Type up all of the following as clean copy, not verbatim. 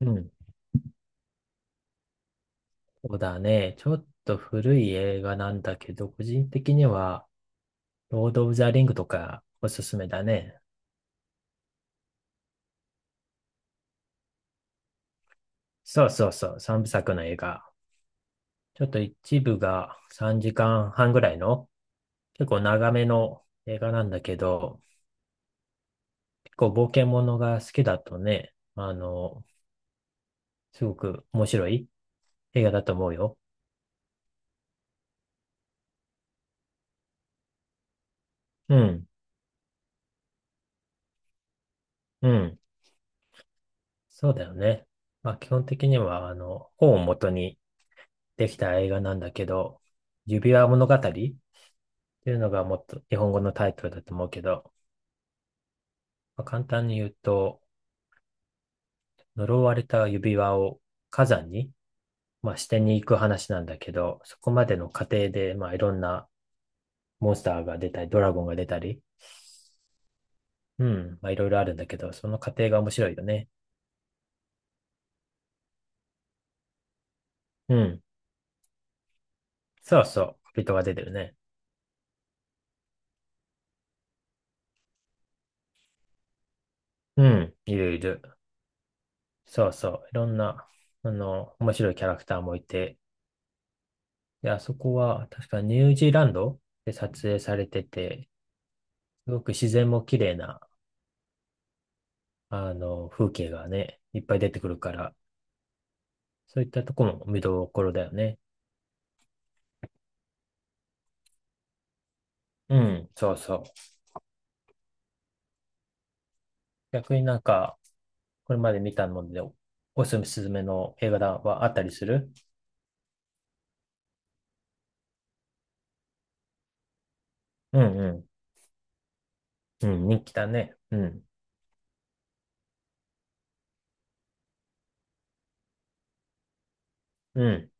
うん。そうだね。ちょっと古い映画なんだけど、個人的には、ロード・オブ・ザ・リングとかおすすめだね。そうそうそう、三部作の映画。ちょっと一部が3時間半ぐらいの、結構長めの映画なんだけど、結構冒険ものが好きだとね、すごく面白い映画だと思うよ。うん、うん。そうだよね。まあ基本的には、本を元にできた映画なんだけど、指輪物語っていうのがもっと日本語のタイトルだと思うけど、まあ、簡単に言うと、呪われた指輪を火山に、まあ、してに行く話なんだけど、そこまでの過程で、まあ、いろんなモンスターが出たり、ドラゴンが出たり、うん、まあ、いろいろあるんだけど、その過程が面白いよね。うん、そうそう、小人が出てるね。うん、いるいる。そうそう、いろんな、面白いキャラクターもいて、で、あそこは確かニュージーランドで撮影されてて、すごく自然も綺麗な風景がね、いっぱい出てくるから、そういったとこも見どころだよね。うん、そうそう。逆になんか、これまで見たので、おすすめの映画だはあったりするうんうん。うん、人気だね。うん、うん、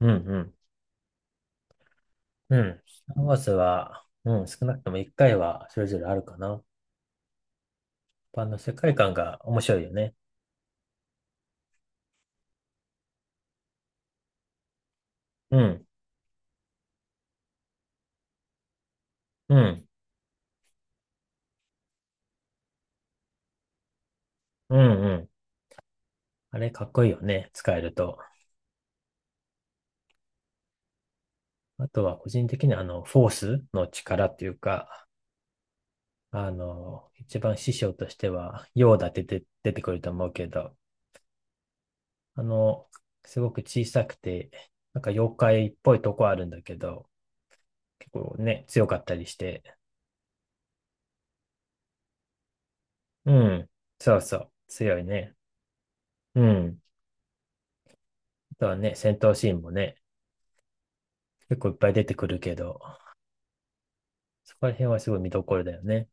うん、うん。うん。スター・ウォーズは、うん、少なくとも一回はそれぞれあるかな。一般の世界観が面白いよね。うん、うん、うん、うん。あれかっこいいよね、使えると。あとは個人的にフォースの力っていうか、一番師匠としては、ヨーダって出てくると思うけど、あの、すごく小さくて、なんか妖怪っぽいとこあるんだけど、結構ね、強かったりして、うん、そうそう、強いね。うん。あとはね、戦闘シーンもね、結構いっぱい出てくるけど、そこら辺はすごい見どころだよね。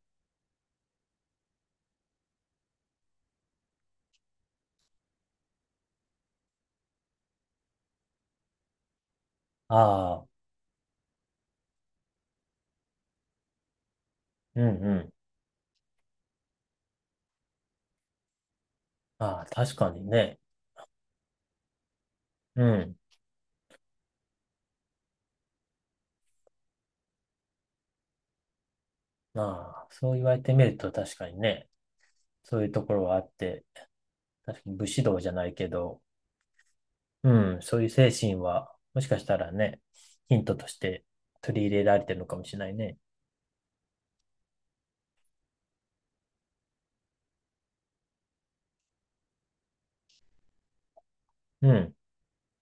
ああ、うんうん。ああ、確かにね。うん。ああ、そう言われてみると確かにね、そういうところはあって、確かに武士道じゃないけど、うん、そういう精神は、もしかしたらね、ヒントとして取り入れられてるのかもしれないね。うん、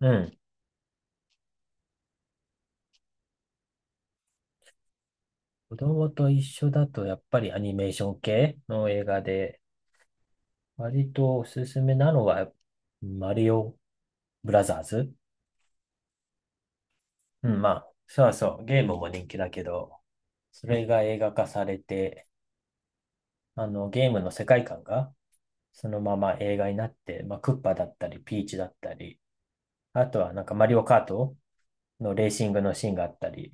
うん。子供と一緒だと、やっぱりアニメーション系の映画で、割とおすすめなのは、マリオブラザーズ。うん、まあ、そうそう、ゲームも人気だけど、それが映画化されて、ゲームの世界観が、そのまま映画になって、まあ、クッパだったり、ピーチだったり、あとはなんかマリオカートのレーシングのシーンがあったり、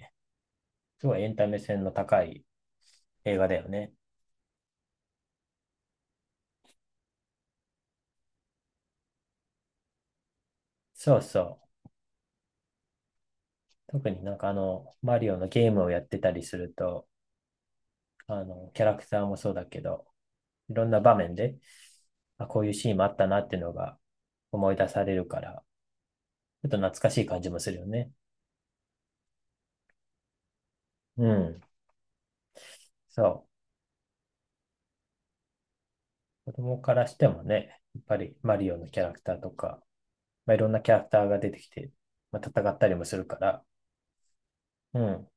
すごいエンタメ性の高い映画だよね。そうそう。特になんかマリオのゲームをやってたりすると、キャラクターもそうだけど、いろんな場面で、あ、こういうシーンもあったなっていうのが思い出されるから、ちょっと懐かしい感じもするよね。うん。そう。子供からしてもね、やっぱりマリオのキャラクターとか、まあ、いろんなキャラクターが出てきて、まあ、戦ったりもするから、うん。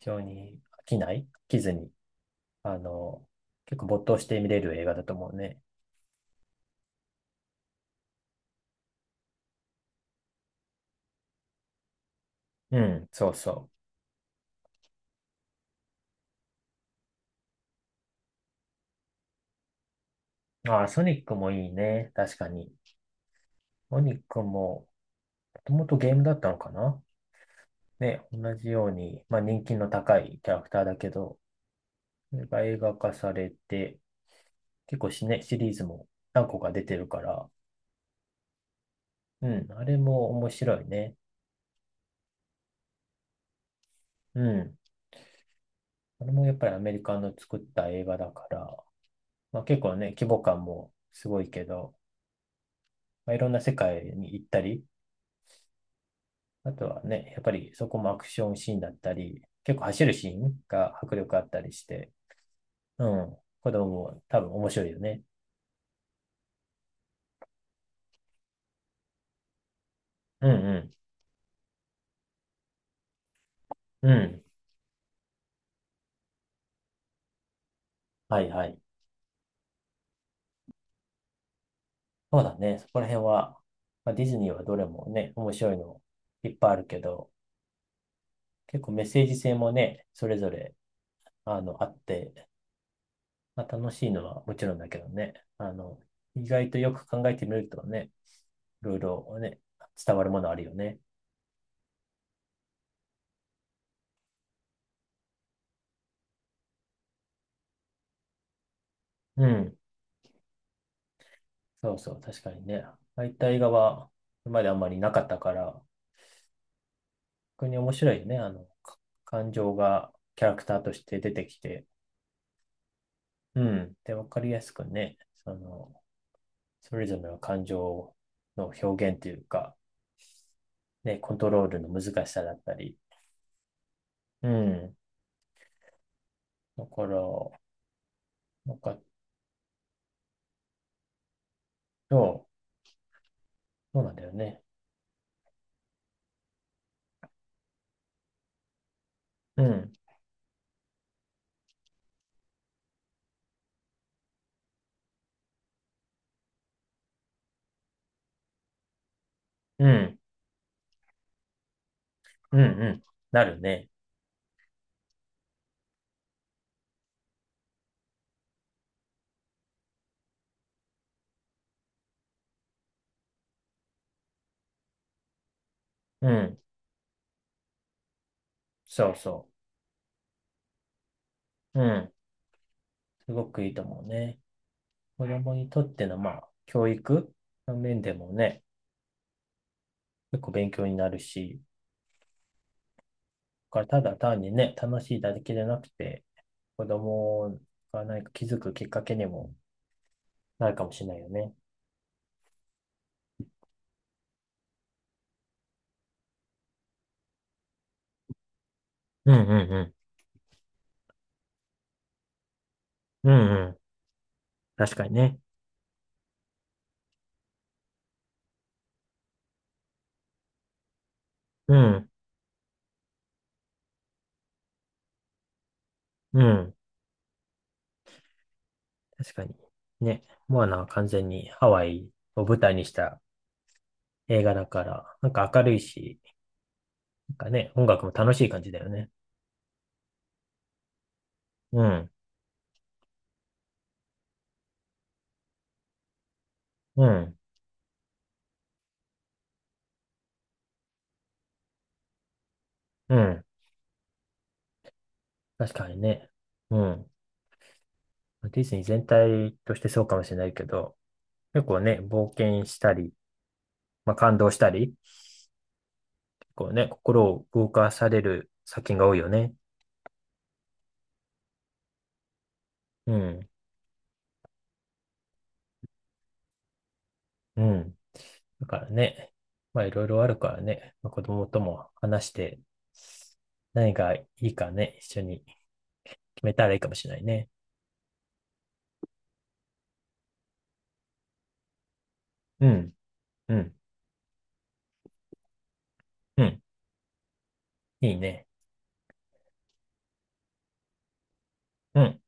非常に飽きずに、あの、結構没頭して見れる映画だと思うね。うん、そうそう。ああ、ソニックもいいね。確かに。ソニックも、もともとゲームだったのかなね、同じように、まあ人気の高いキャラクターだけど、それが映画化されて、結構シリーズも何個か出てるから、うん、あれも面白いね。うん。あれもやっぱりアメリカの作った映画だから、まあ結構ね、規模感もすごいけど、まあ、いろんな世界に行ったり、あとはね、やっぱりそこもアクションシーンだったり、結構走るシーンが迫力あったりして、うん、子供も多分面白いよね。うんうん、うん。はいはい。そうだね。そこら辺は、まあ、ディズニーはどれもね、面白いのいっぱいあるけど、結構メッセージ性もね、それぞれ、あって、まあ、楽しいのはもちろんだけどね、意外とよく考えてみるとね、いろいろね、伝わるものあるよね。うん。そうそう、確かにね。ああいった映画は、今まであんまりなかったから、逆に面白いよね。感情がキャラクターとして出てきて、うん。で、わかりやすくね、その、それぞれの感情の表現というか、ね、コントロールの難しさだったり、うん。だから、なんか、そう、そうなんだよね。うん、うん、うん、うん。なるね。うん、そうそう。うん。すごくいいと思うね。子供にとっての、まあ、教育の面でもね、結構勉強になるし、だからただ単にね、楽しいだけじゃなくて、子供が何か気づくきっかけにもなるかもしれないよね。うんうんうん。うんうん。確かにね。うん。うん。確かに。ね、モアナは完全にハワイを舞台にした映画だから、なんか明るいし、なんかね、音楽も楽しい感じだよね。うん。うん。うん。確かにね。うん。ディズニー全体としてそうかもしれないけど、結構ね、冒険したり、まあ、感動したり、結構ね、心を動かされる作品が多いよね。うん、うん。だからね、まあいろいろあるからね、まあ、子供とも話して、何がいいかね、一緒に決めたらいいかもしれないね。うん、うん、うん。いいね。うん。